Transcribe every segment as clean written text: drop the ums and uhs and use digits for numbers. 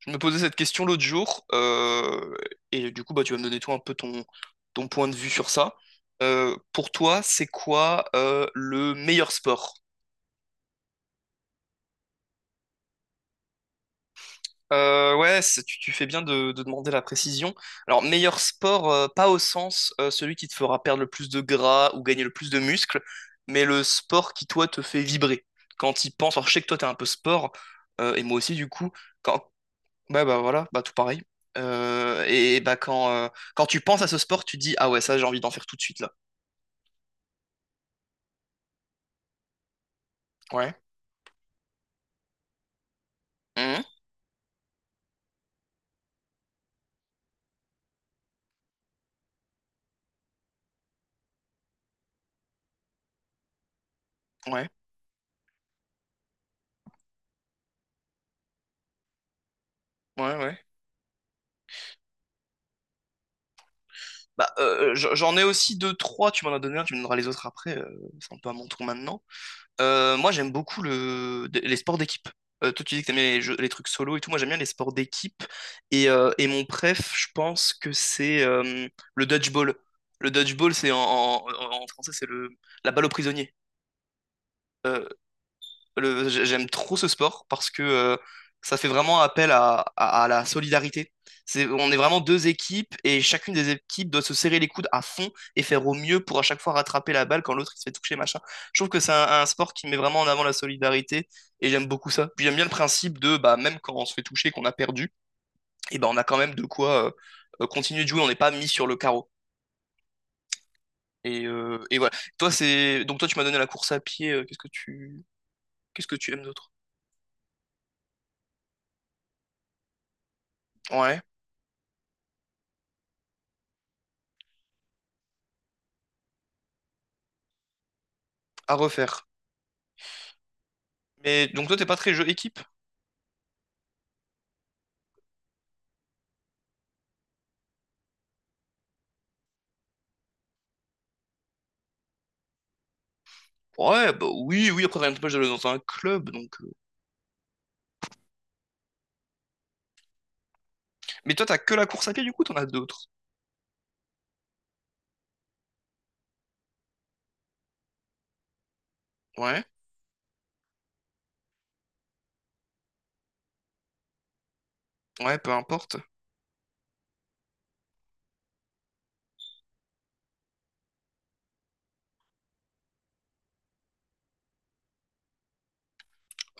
Je me posais cette question l'autre jour, et du coup, bah, tu vas me donner toi un peu ton point de vue sur ça. Pour toi, c'est quoi le meilleur sport? Ouais, tu fais bien de demander la précision. Alors, meilleur sport, pas au sens celui qui te fera perdre le plus de gras ou gagner le plus de muscles, mais le sport qui, toi, te fait vibrer. Quand il pense, alors je sais que toi, t'es un peu sport, et moi aussi, du coup, quand, ouais, bah voilà, bah tout pareil. Euh, et bah quand, euh, quand tu penses à ce sport, tu dis, ah ouais, ça j'ai envie d'en faire tout de suite là. Ouais. Mhm. Ouais, ouais, ouais. Bah j'en ai aussi deux, trois, tu m'en as donné un, tu me donneras les autres après, c'est un peu à mon tour maintenant. Moi j'aime beaucoup les sports d'équipe. Toi tu dis que t'aimes les trucs solo et tout, moi j'aime bien les sports d'équipe. Et mon préf, je pense que c'est le dodgeball. Le dodgeball, c'est en français, c'est le la balle au prisonnier. Euh, J'aime trop ce sport parce que ça fait vraiment appel à la solidarité. C'est, on est vraiment deux équipes et chacune des équipes doit se serrer les coudes à fond et faire au mieux pour à chaque fois rattraper la balle quand l'autre il se fait toucher, machin. Je trouve que c'est un sport qui met vraiment en avant la solidarité et j'aime beaucoup ça. Puis j'aime bien le principe de bah, même quand on se fait toucher, qu'on a perdu, et ben on a quand même de quoi continuer de jouer, on n'est pas mis sur le carreau. Et voilà. Toi, c'est... Donc toi, tu m'as donné la course à pied. Qu'est-ce que tu aimes d'autre? Ouais, à refaire. Mais donc toi, t'es pas très jeu équipe? Ouais, bah oui, oui, après t'as une j'allais dans un club, donc... Mais toi, t'as que la course à pied, du coup, t'en as d'autres. Ouais, ouais, peu importe.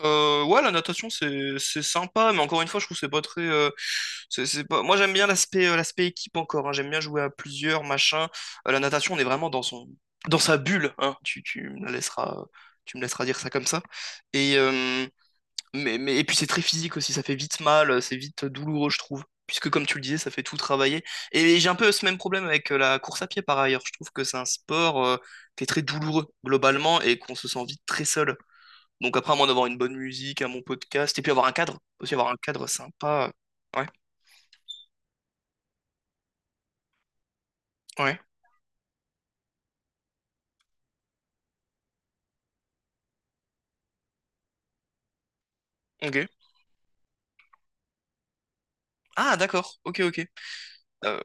Ouais, la natation, c'est sympa, mais encore une fois, je trouve que c'est pas très... c'est pas... Moi, j'aime bien l'aspect l'aspect équipe encore, hein. J'aime bien jouer à plusieurs, machin. La natation, on est vraiment dans son... dans sa bulle, hein. Tu me la laisseras... Tu me laisseras dire ça comme ça. Et, euh, mais, et puis c'est très physique aussi, ça fait vite mal, c'est vite douloureux, je trouve. Puisque comme tu le disais, ça fait tout travailler. Et j'ai un peu ce même problème avec la course à pied par ailleurs. Je trouve que c'est un sport qui est très douloureux globalement et qu'on se sent vite très seul. Donc après, à moins d'avoir une bonne musique, un bon podcast, et puis avoir un cadre, aussi avoir un cadre sympa. Ouais, ouais, ok. Ah d'accord, ok, ok. Euh,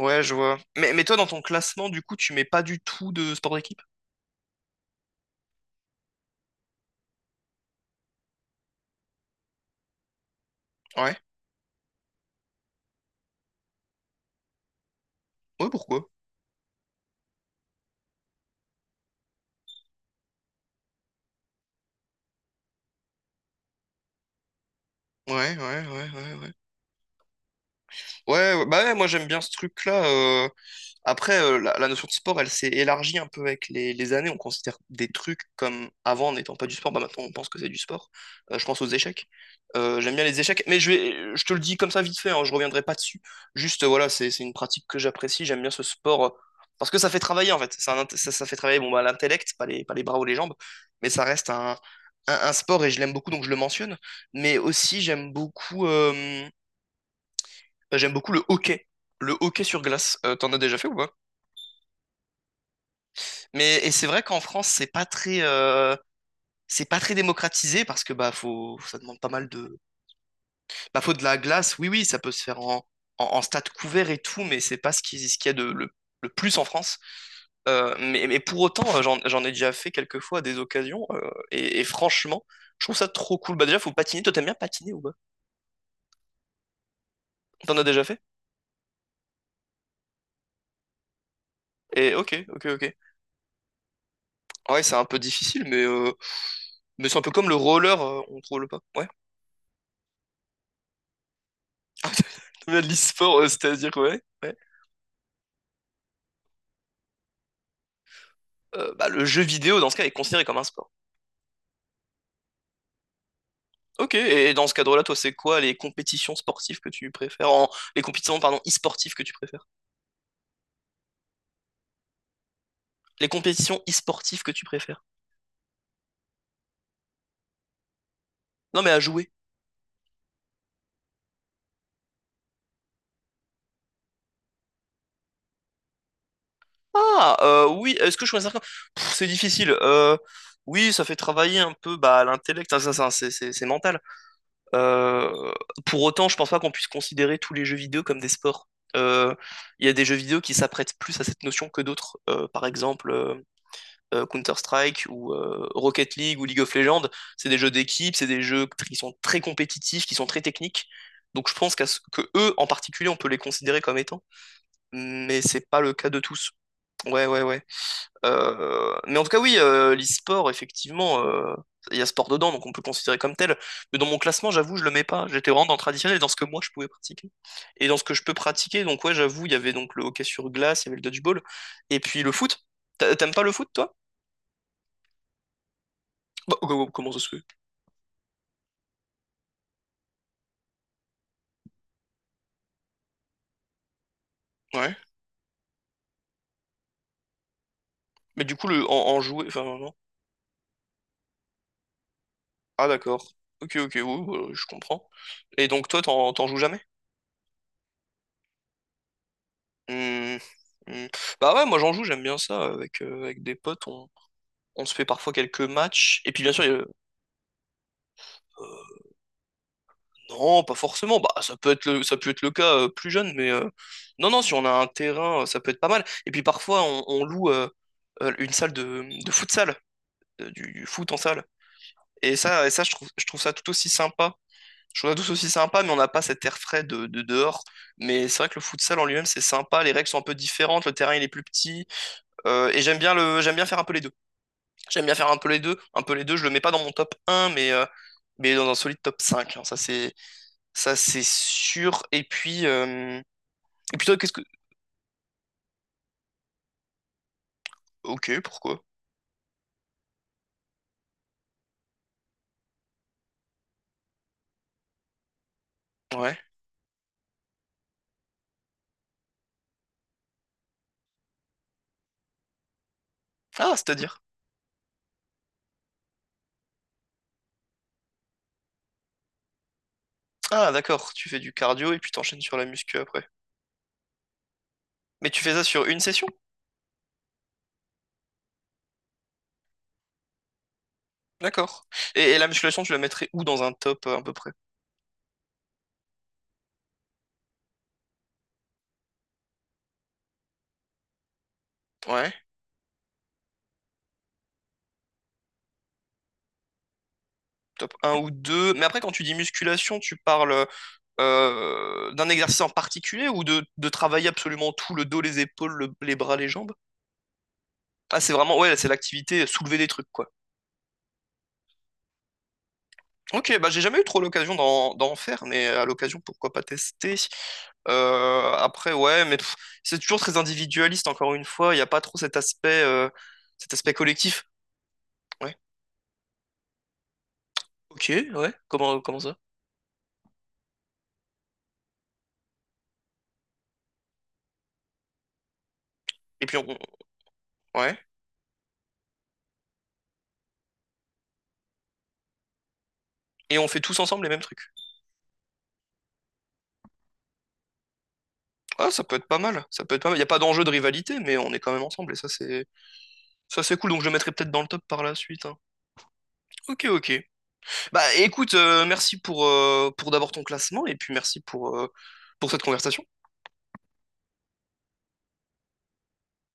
ouais, je vois. Mais toi, dans ton classement, du coup, tu mets pas du tout de sport d'équipe? Ouais. Ouais, pourquoi? Ouais, ouais, ouais, ouais, ouais. Ouais, ouais, bah ouais, moi j'aime bien ce truc-là. Après, la notion de sport, elle s'est élargie un peu avec les années. On considère des trucs comme avant n'étant pas du sport. Bah, maintenant, on pense que c'est du sport. Je pense aux échecs. J'aime bien les échecs, mais je vais, je te le dis comme ça vite fait, hein, je reviendrai pas dessus. Juste, voilà, c'est une pratique que j'apprécie. J'aime bien ce sport parce que ça fait travailler en fait. C'est un int- ça fait travailler bon, bah, l'intellect, pas les bras ou les jambes, mais ça reste un sport et je l'aime beaucoup donc je le mentionne. Mais aussi, j'aime beaucoup le hockey. Le hockey sur glace. T'en as déjà fait ou pas? Mais et c'est vrai qu'en France, c'est pas très démocratisé parce que bah faut, ça demande pas mal de, bah faut de la glace. Oui, oui, ça peut se faire en stade couvert et tout, mais c'est pas ce qu'il y a le plus en France. Mais pour autant, j'en ai déjà fait quelques fois à des occasions et franchement, je trouve ça trop cool. Bah déjà, faut patiner. Toi, t'aimes bien patiner ou pas? T'en as déjà fait? Et ok, ok, ok. Ouais, c'est un peu difficile, mais c'est un peu comme le roller, on ne roule pas. Ouais. T'aimes de l'e-sport, c'est-à-dire ouais. Bah, le jeu vidéo, dans ce cas, est considéré comme un sport. Ok, et dans ce cadre-là, toi, c'est quoi les compétitions sportives que tu préfères? En- les compétitions, pardon, e-sportives que tu préfères? Les compétitions e-sportives que tu préfères? Non, mais à jouer. Ah, oui, est-ce que je considère comme... Pff, c'est difficile. Oui, ça fait travailler un peu bah, l'intellect, hein, c'est mental. Euh, Pour autant, je pense pas qu'on puisse considérer tous les jeux vidéo comme des sports. Euh, Il y a des jeux vidéo qui s'apprêtent plus à cette notion que d'autres. Par exemple... Counter-Strike ou Rocket League ou League of Legends, c'est des jeux d'équipe, c'est des jeux qui sont très compétitifs, qui sont très techniques. Donc je pense que eux en particulier, on peut les considérer comme étant, mais c'est pas le cas de tous. Ouais, ouais, ouais. Mais en tout cas, oui, l'e-sport, effectivement, il y a sport dedans, donc on peut le considérer comme tel. Mais dans mon classement, j'avoue, je le mets pas. J'étais vraiment dans le traditionnel, dans ce que moi je pouvais pratiquer. Et dans ce que je peux pratiquer, donc ouais, j'avoue, il y avait donc le hockey sur glace, il y avait le dodgeball, et puis le foot. T'a- T'aimes pas le foot, toi? Bah, oh, oh, oh, comment ça se fait? Ouais. Mais du coup, en jouer. Enfin, non. Ah, d'accord. Ok, ok, oui, oui, oui, je comprends. Et donc, toi, t'en joues jamais? Hmm, hmm. Bah ouais, moi, j'en joue, j'aime bien ça. Avec, avec des potes, on se fait parfois quelques matchs. Et puis, bien sûr, il y a le- euh, non, pas forcément. Bah, ça peut être ça peut être le cas plus jeune, mais non, non, si on a un terrain, ça peut être pas mal. Et puis, parfois, on loue une salle de futsal, du foot en salle. Et ça je trouve ça tout aussi sympa. Je trouve ça tous aussi sympa, mais on n'a pas cet air frais de dehors. Mais c'est vrai que le futsal en lui-même, c'est sympa. Les règles sont un peu différentes, le terrain il est plus petit. Et j'aime bien j'aime bien faire un peu les deux. J'aime bien faire un peu les deux. Un peu les deux, je le mets pas dans mon top un, mais dans un solide top 5. Hein. Ça, c'est sûr. Et puis toi, qu'est-ce que. Ok, pourquoi? Ouais. Ah, c'est-à-dire. Ah, d'accord. Tu fais du cardio et puis t'enchaînes sur la muscu après. Mais tu fais ça sur une session? D'accord. Et la musculation, tu la mettrais où dans un top à peu près? Ouais. Top un ou 2, mais après, quand tu dis musculation, tu parles d'un exercice en particulier ou de travailler absolument tout, le dos, les épaules, les bras, les jambes? Ah, c'est vraiment, ouais, c'est l'activité soulever des trucs, quoi. Ok, bah j'ai jamais eu trop l'occasion d'en faire, mais à l'occasion, pourquoi pas tester? Après, ouais, mais pff, c'est toujours très individualiste, encore une fois. Il n'y a pas trop cet aspect collectif. Ouais, ok, ouais, comment, comment ça? Et puis, on, ouais. Et on fait tous ensemble les mêmes trucs. Ah, ça peut être pas mal. Ça peut être pas mal. Il n'y a pas d'enjeu de rivalité, mais on est quand même ensemble et ça c'est cool. Donc je le mettrai peut-être dans le top par la suite. Hein. Ok, ok. Bah écoute, merci pour d'abord ton classement et puis merci pour cette conversation.